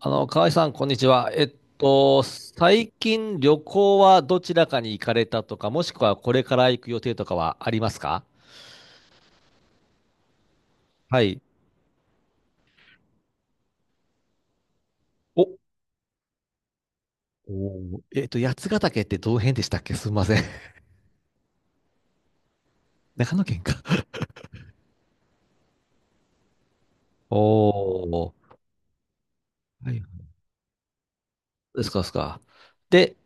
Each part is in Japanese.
河合さん、こんにちは。最近旅行はどちらかに行かれたとか、もしくはこれから行く予定とかはありますか？はい。お、おー、八ヶ岳ってどの辺でしたっけすみません。長野県か。おー、はい。ですか、ですか。で、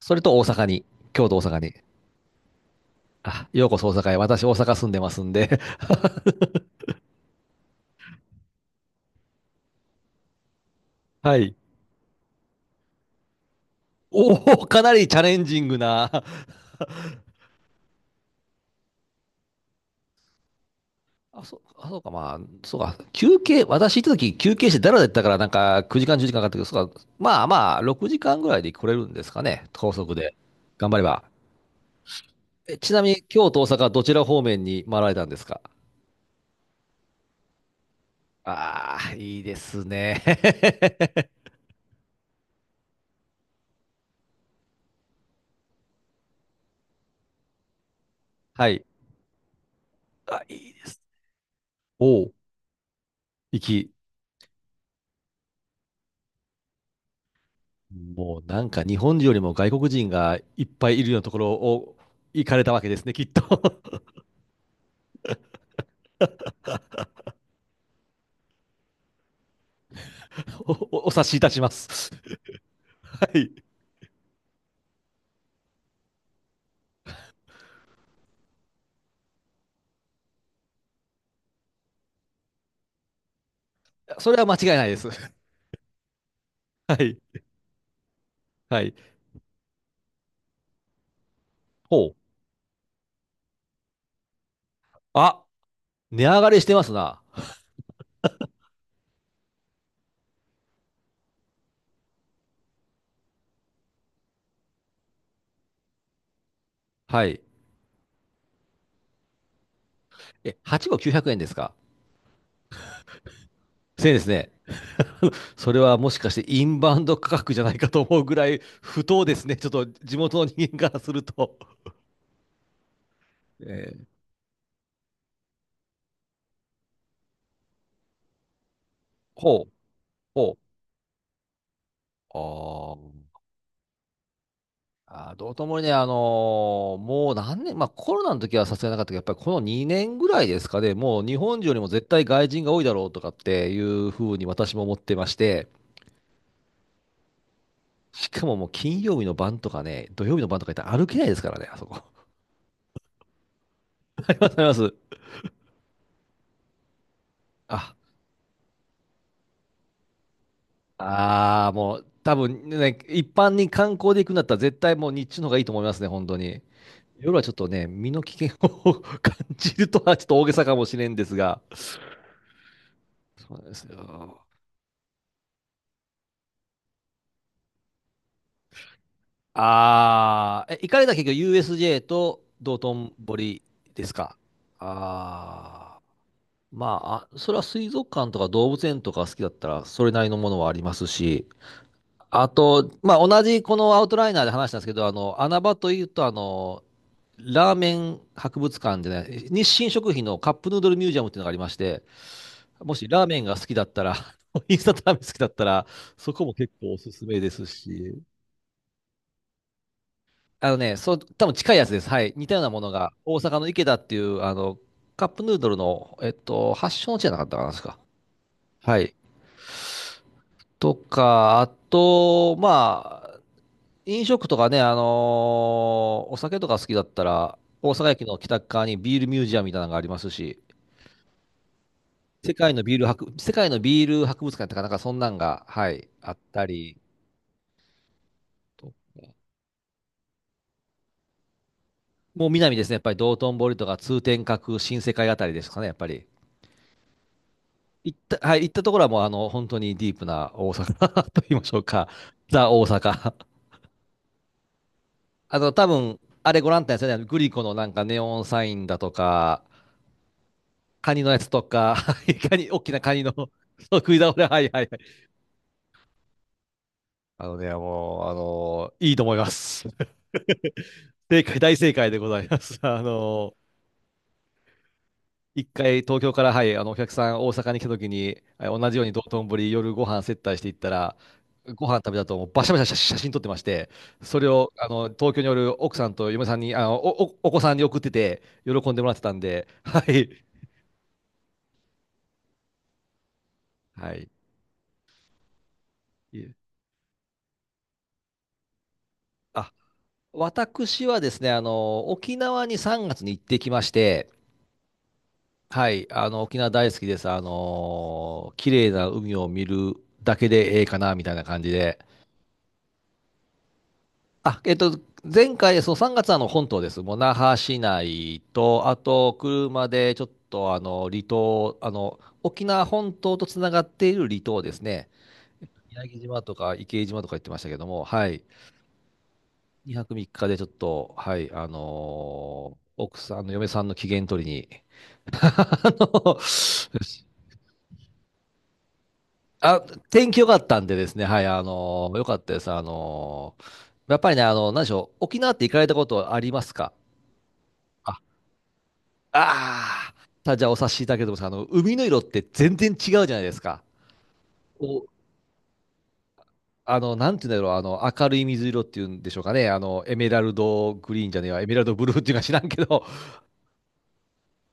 それと大阪に、京都大阪に。あ、ようこそ大阪へ。私、大阪住んでますんで。はい。おー、かなりチャレンジングな。あ、そう、あ、そうか、まあ、そうか、休憩、私行った時休憩してだらだったから、なんか9時間、10時間かんかかったけど、そうか、まあまあ、6時間ぐらいで来れるんですかね、高速で。頑張れば。え、ちなみに、京都、大阪、どちら方面に回られたんですか？ああー、いいですね。はい。あ、いいです。おう、行き。もうなんか日本人よりも外国人がいっぱいいるようなところを行かれたわけですね、きっと。お察しいたします。はい。それは間違いないです。はい。はい。ほう。あ、値上がりしてますな。はい。え、8号900円ですか？ 1000 円ですね。それはもしかしてインバウンド価格じゃないかと思うぐらい不当ですね。ちょっと地元の人間からすると。えーほう、ほう。あー、あー、どうともにね、もう何年、まあコロナの時はさすがになかったけど、やっぱりこの2年ぐらいですかね、もう日本人よりも絶対外人が多いだろうとかっていうふうに私も思ってまして、しかももう金曜日の晩とかね、土曜日の晩とか行ったら歩けないですからね、あそこ。わかります。あ、ああ、もう多分ね、一般に観光で行くんだったら絶対もう日中の方がいいと思いますね、本当に。夜はちょっとね、身の危険を 感じるとはちょっと大げさかもしれんですが。そうですよ。ああ、え、行かれた結局 USJ と道頓堀ですか。ああ、まあ、あそれは水族館とか動物園とか好きだったら、それなりのものはありますし、あと、まあ、同じこのアウトライナーで話したんですけど、穴場というと、ラーメン博物館でね、日清食品のカップヌードルミュージアムっていうのがありまして、もしラーメンが好きだったら、インスタントラーメン好きだったら、そこも結構おすすめですし、あのね、そう、多分近いやつです。はい。似たようなものが、大阪の池田っていう、カップヌードルの、発祥の地じゃなかったかな、確か。はい。とか、あと、まあ、飲食とかね、お酒とか好きだったら、大阪駅の北側にビールミュージアムみたいなのがありますし、世界のビール博物館とか、なんかそんなんが、はい、あったりとか、もう南ですね、やっぱり道頓堀とか通天閣、新世界あたりですかね、やっぱり。行った、はい、行ったところはもう、本当にディープな大阪 と言いましょうか、ザ・大阪。多分、あれご覧になったんですよね、グリコのなんかネオンサインだとか、カニのやつとか、大きなカニの 食い倒れ、はいはいはい。あのね、もう、いいと思います。正解、大正解でございます。一回東京から、はい、お客さん大阪に来た時に、はい、同じように道頓堀夜ご飯接待していったら、ご飯食べたともうバシャバシャ写真撮ってまして、それをあの東京におる奥さんと嫁さんに、お子さんに送ってて、喜んでもらってたんで、はい。はい。あ、私はですね、沖縄に3月に行ってきまして、はい、沖縄大好きです。綺麗な海を見るだけでええかな、みたいな感じで。あ、前回、その3月はあの本島です。もう那覇市内と、あと、車でちょっと、離島、沖縄本島とつながっている離島ですね。宮城島とか池江島とか言ってましたけども、はい。2泊3日でちょっと、はい、奥さん、嫁さんの機嫌取りに、あの、あ、天気良かったんでですね、はい、良かったです。やっぱりね、何でしょう、沖縄って行かれたことありますか？あ、あーさあ、じゃあお察しいただければと思います。海の色って全然違うじゃないですか。お、なんて言うんだろう、明るい水色っていうんでしょうかね、エメラルドグリーンじゃねえわ、エメラルドブルーっていうか知らんけど、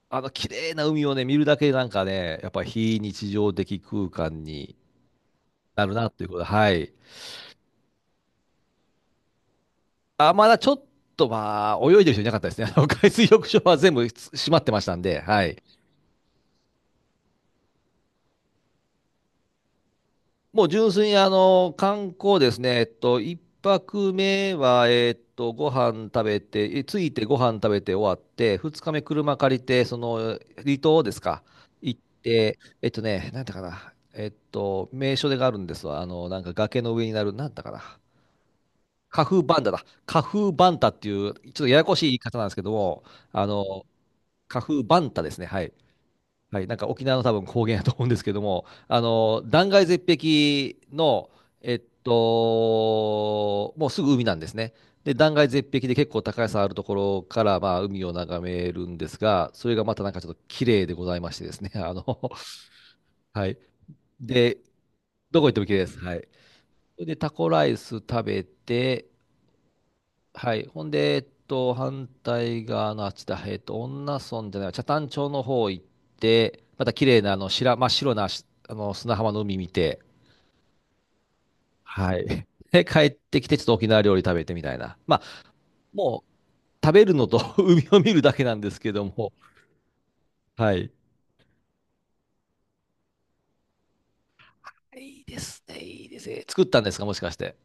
綺麗な海をね、見るだけでなんかね、やっぱ非日常的空間になるなっていうことで、はい。あ、まだちょっと、まあ、泳いでる人いなかったですね。海水浴場は全部閉まってましたんで、はい。もう純粋に、観光ですね。一泊目は、えっと、ご飯食べて、え着いてご飯食べて終わって、二日目車借りて、その、離島ですか、行って、なんだかな。名所でがあるんですわ。なんか崖の上になる、なんだかな。カフーバンタだ。カフーバンタっていう、ちょっとややこしい言い方なんですけども、あの、カフーバンタですね。はい。はい、なんか沖縄の多分高原だと思うんですけども、断崖絶壁の、もうすぐ海なんですね。で、断崖絶壁で結構高さあるところから、まあ、海を眺めるんですが、それがまたなんかちょっと綺麗でございましてですね、はい。で、どこ行っても綺麗です。はい。それで、タコライス食べて、はい。ほんで、反対側のあっちだ。恩納村じゃない、北谷町の方行って、また綺麗な、真っ白な、しあの、砂浜の海見て、はい。で、帰ってきて、ちょっと沖縄料理食べてみたいな。まあ、もう、食べるのと 海を見るだけなんですけども。はい。いいですね、いいですね。作ったんですか、もしかして。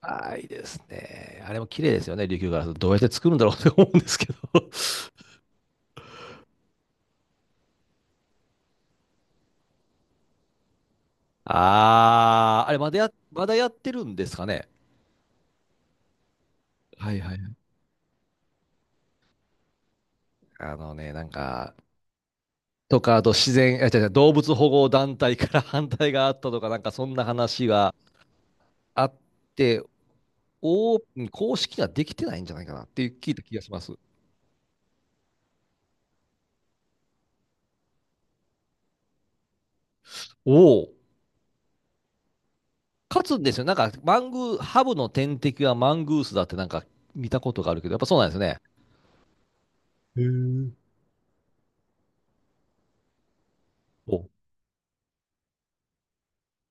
ああ、いいですね。あれも綺麗ですよね、琉球ガラス。どうやって作るんだろうって思うんですけど。ああ、あれまだや、まだやってるんですかね。はいはい、あのね、なんか、とか、あと自然、あ、違う違う、動物保護団体から 反対があったとか、なんかそんな話があって、お公式ができてないんじゃないかなっていう聞いた気がします。おお、勝つんですよ。なんか、マングー、ハブの天敵はマングースだってなんか見たことがあるけど、やっぱそうなんですね。へえ。お、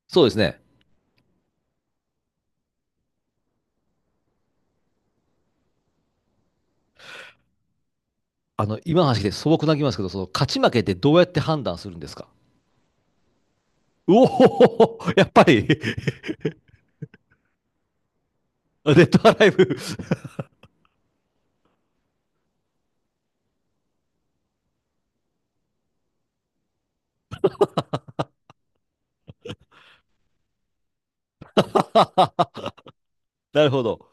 そうですね。今の話で素朴な気ますけど、その勝ち負けってどうやって判断するんですか？うおほほほ やっぱり デッドアライブ。 なるほど。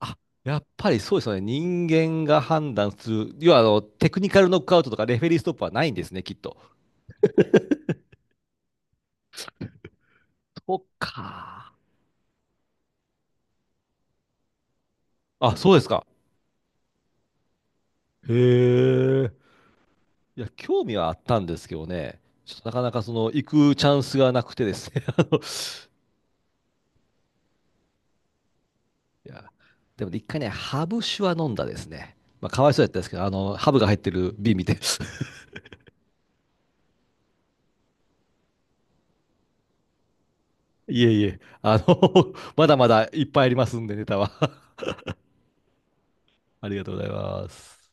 あ、やっぱりそうですよね。人間が判断する。要は、テクニカルノックアウトとかレフェリーストップはないんですね、きっと。そっか。あ、そうですか。へえ。いや、興味はあったんですけどね。ちょっとなかなかその、行くチャンスがなくてですね。いや、でもね一回ね、ハブ酒は飲んだですね。まあ、かわいそうやったんですけど、ハブが入ってる瓶見て。いえいえ、まだまだいっぱいありますんで、ネタは。ありがとうございます。